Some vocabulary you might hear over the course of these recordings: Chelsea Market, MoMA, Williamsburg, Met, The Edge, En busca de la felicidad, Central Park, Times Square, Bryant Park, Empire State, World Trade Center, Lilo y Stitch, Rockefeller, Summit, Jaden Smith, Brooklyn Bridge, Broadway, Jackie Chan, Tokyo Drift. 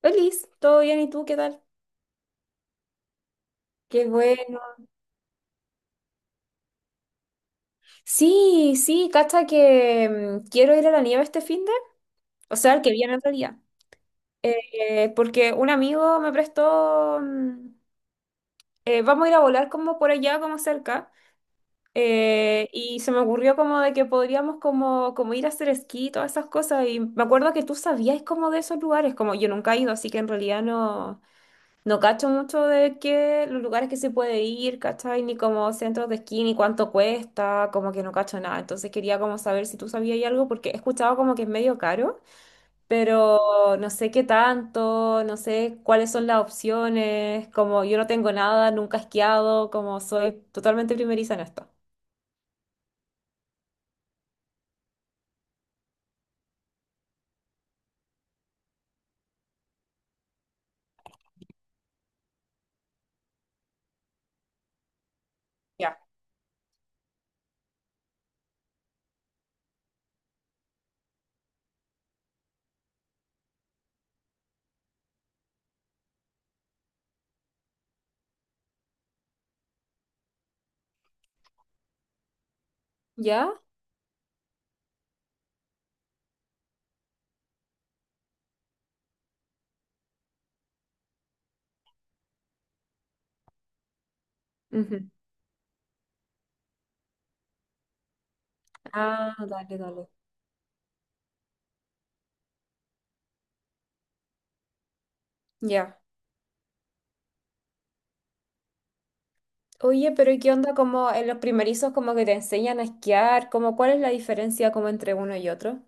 Feliz, ¿todo bien? ¿Y tú qué tal? Qué bueno. Sí, sí, cacha que quiero ir a la nieve este fin de, o sea, el que viene en realidad. Porque un amigo me prestó, vamos a ir a volar como por allá, como cerca, y se me ocurrió como de que podríamos como, como ir a hacer esquí, todas esas cosas, y me acuerdo que tú sabías como de esos lugares, como yo nunca he ido, así que en realidad no, no cacho mucho de qué, los lugares que se puede ir, ¿cachai? Ni como centros de esquí, ni cuánto cuesta, como que no cacho nada. Entonces quería como saber si tú sabías algo, porque he escuchado como que es medio caro, pero no sé qué tanto, no sé cuáles son las opciones, como yo no tengo nada, nunca he esquiado, como soy totalmente primeriza en esto. Ya. ¿Ya? Ujú. Ah, dale, dale. Ya. Oye, pero ¿y qué onda como en los primerizos como que te enseñan a esquiar? Como, ¿cuál es la diferencia como entre uno y otro?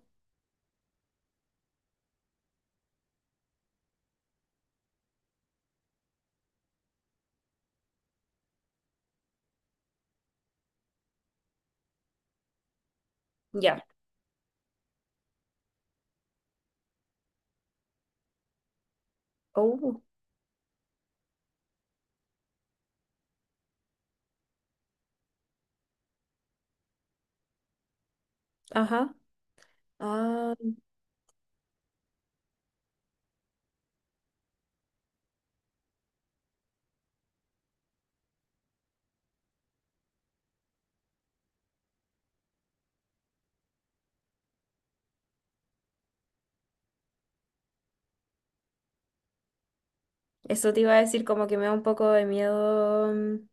Ya. Oh, ajá. Ah, eso te iba a decir como que me da un poco de miedo,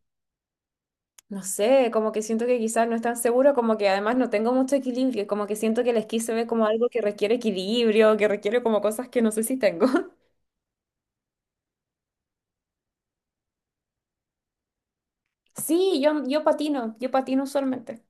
no sé, como que siento que quizás no es tan seguro, como que además no tengo mucho equilibrio, como que siento que el esquí se ve como algo que requiere equilibrio, que requiere como cosas que no sé si tengo. Sí, yo patino, yo patino usualmente.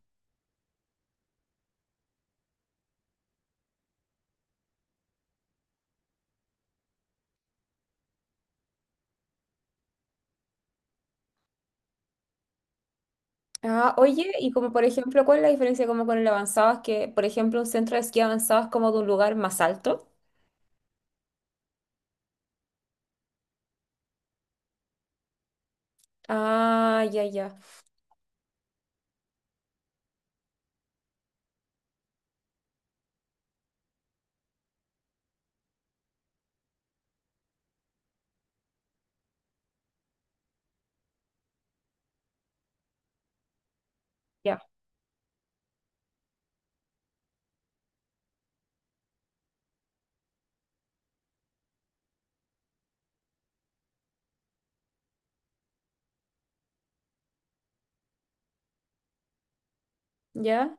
Ah, oye, y como por ejemplo, ¿cuál es la diferencia como con el avanzado? Es que, por ejemplo, un centro de esquí avanzado es como de un lugar más alto. Ah, ya, ya, ya, ya.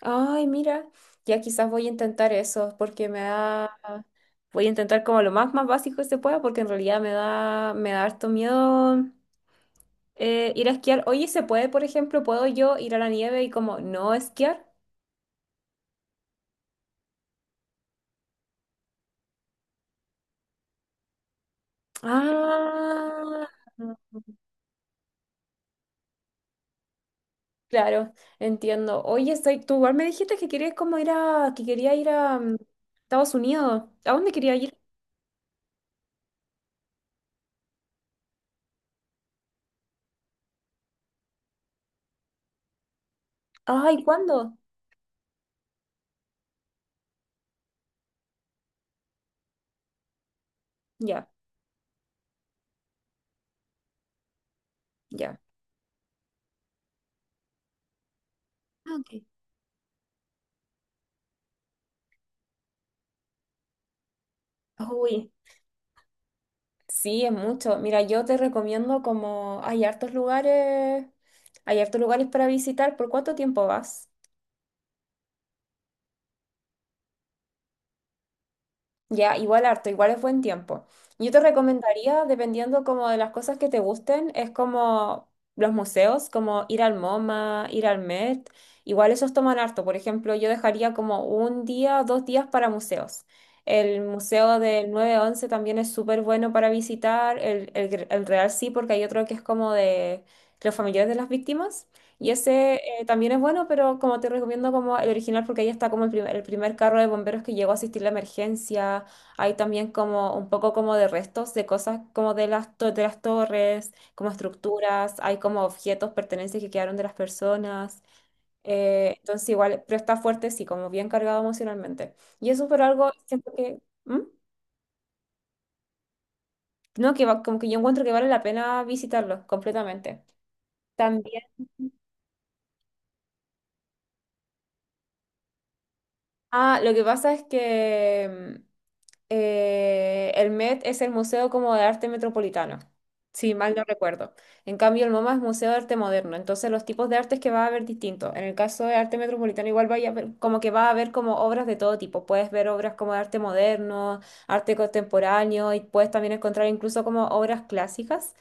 Ay, mira, ya quizás voy a intentar eso, porque me da, voy a intentar como lo más más básico que se pueda, porque en realidad me da harto miedo ir a esquiar. Oye, ¿se puede, por ejemplo, puedo yo ir a la nieve y como no esquiar? Ah, claro, entiendo. Oye, soy, tú igual me dijiste que querías como ir a, que quería ir a Estados Unidos. ¿A dónde quería ir? Ay, ¿cuándo? Ya, ya. Ah, ok. Uy. Sí, es mucho. Mira, yo te recomiendo como hay hartos lugares para visitar. ¿Por cuánto tiempo vas? Ya, igual harto, igual es buen tiempo. Yo te recomendaría, dependiendo como de las cosas que te gusten, es como los museos, como ir al MoMA, ir al Met, igual esos toman harto. Por ejemplo, yo dejaría como un día, dos días para museos. El museo del nueve once también es súper bueno para visitar, Gr- el Real sí, porque hay otro que es como de los familiares de las víctimas. Y ese también es bueno, pero como te recomiendo como el original porque ahí está como el primer carro de bomberos que llegó a asistir la emergencia. Hay también como un poco como de restos de cosas como de las, to- de las torres, como estructuras, hay como objetos, pertenencias que quedaron de las personas. Entonces igual, pero está fuerte, sí, como bien cargado emocionalmente. Y eso por algo, siento que, ¿Mm? No, que va- como que yo encuentro que vale la pena visitarlo completamente. También. Ah, lo que pasa es que... el MET es el Museo como de Arte Metropolitano, si mal no recuerdo. En cambio, el MoMA es Museo de Arte Moderno, entonces los tipos de artes que va a haber distintos. En el caso de Arte Metropolitano igual vaya a ver- como que va a haber como obras de todo tipo. Puedes ver obras como de arte moderno, arte contemporáneo y puedes también encontrar incluso como obras clásicas.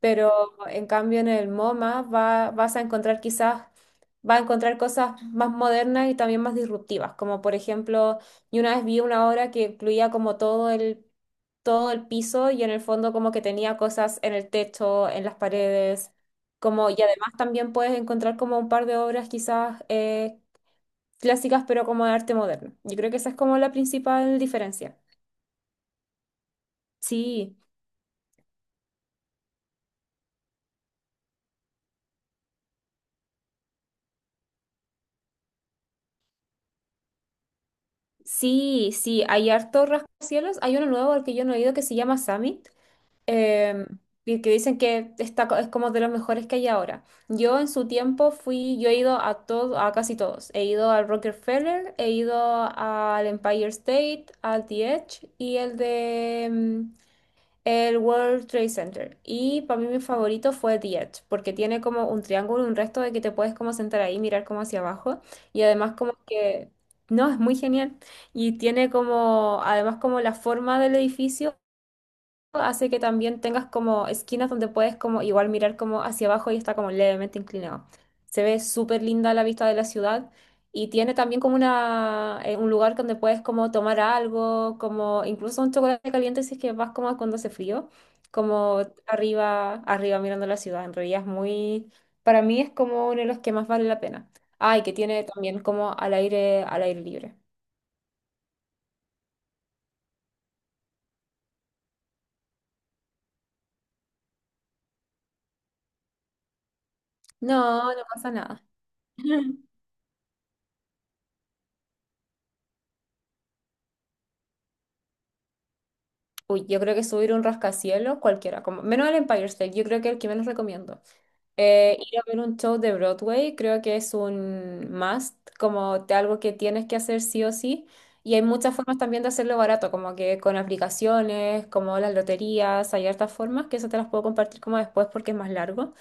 Pero en cambio en el MoMA va, vas a encontrar quizás, va a encontrar cosas más modernas y también más disruptivas, como por ejemplo y una vez vi una obra que incluía como todo el piso y en el fondo como que tenía cosas en el techo, en las paredes, como, y además también puedes encontrar como un par de obras quizás clásicas, pero como de arte moderno. Yo creo que esa es como la principal diferencia. Sí, sí, sí, hay harto rascacielos. Hay uno nuevo al que yo no he ido que se llama Summit eh, y que dicen que está, co- es como de los mejores que hay ahora. Yo en su tiempo fui, yo he ido a todo, a casi todos. He ido al Rockefeller, he ido al Empire State, al The Edge y el de el World Trade Center. Y para mí mi favorito fue The Edge, porque tiene como un triángulo, un resto de que te puedes como sentar ahí, mirar como hacia abajo. Y además como que, no, es muy genial. Y tiene como, además como la forma del edificio hace que también tengas como esquinas donde puedes como igual mirar como hacia abajo y está como levemente inclinado. Se ve súper linda la vista de la ciudad y tiene también como una, un lugar donde puedes como tomar algo, como incluso un chocolate caliente si es que vas como cuando hace frío, como arriba, arriba mirando la ciudad. En realidad es muy, para mí es como uno de los que más vale la pena. Ay, que tiene también como al aire libre. No, no pasa nada. Uy, yo creo que subir un rascacielos, cualquiera, como, menos el Empire State, yo creo que el que menos recomiendo. Ir a ver un show de Broadway, creo que es un must, como te- algo que tienes que hacer sí o sí. Y hay muchas formas también de hacerlo barato, como que con aplicaciones, como las loterías, hay hartas formas, que eso te las puedo compartir como después porque es más largo.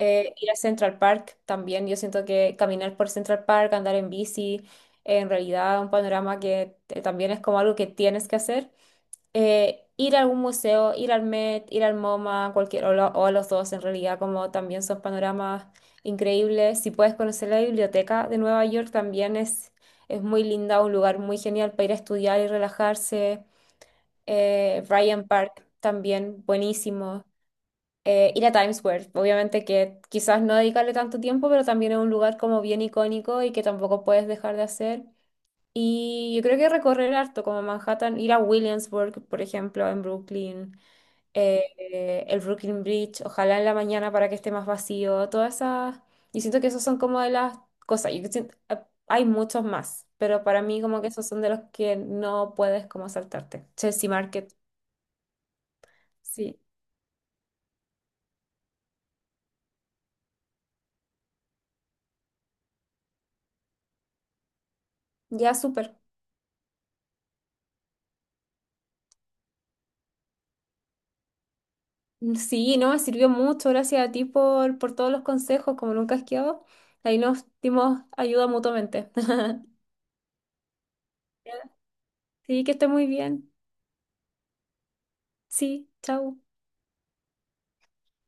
Ir a Central Park también, yo siento que caminar por Central Park, andar en bici, en realidad un panorama que también es como algo que tienes que hacer ir a algún museo, ir al Met, ir al MoMA, cualquier, o, lo- o a los dos en realidad, como también son panoramas increíbles. Si puedes conocer la biblioteca de Nueva York, también es muy linda, un lugar muy genial para ir a estudiar y relajarse. Bryant Park también, buenísimo. Ir a Times Square, obviamente que quizás no dedicarle tanto tiempo, pero también es un lugar como bien icónico y que tampoco puedes dejar de hacer. Y yo creo que recorrer harto, como Manhattan, ir a Williamsburg, por ejemplo, en Brooklyn, el Brooklyn Bridge, ojalá en la mañana para que esté más vacío, todas esas. Yo siento que esos son como de las cosas. Yo siento- hay muchos más, pero para mí como que esos son de los que no puedes como saltarte. Chelsea Market, sí. Ya, súper. Sí, no, me sirvió mucho. Gracias a ti por todos los consejos, como nunca has quedado. Ahí nos dimos ayuda mutuamente. Sí, que esté muy bien. Sí, chao.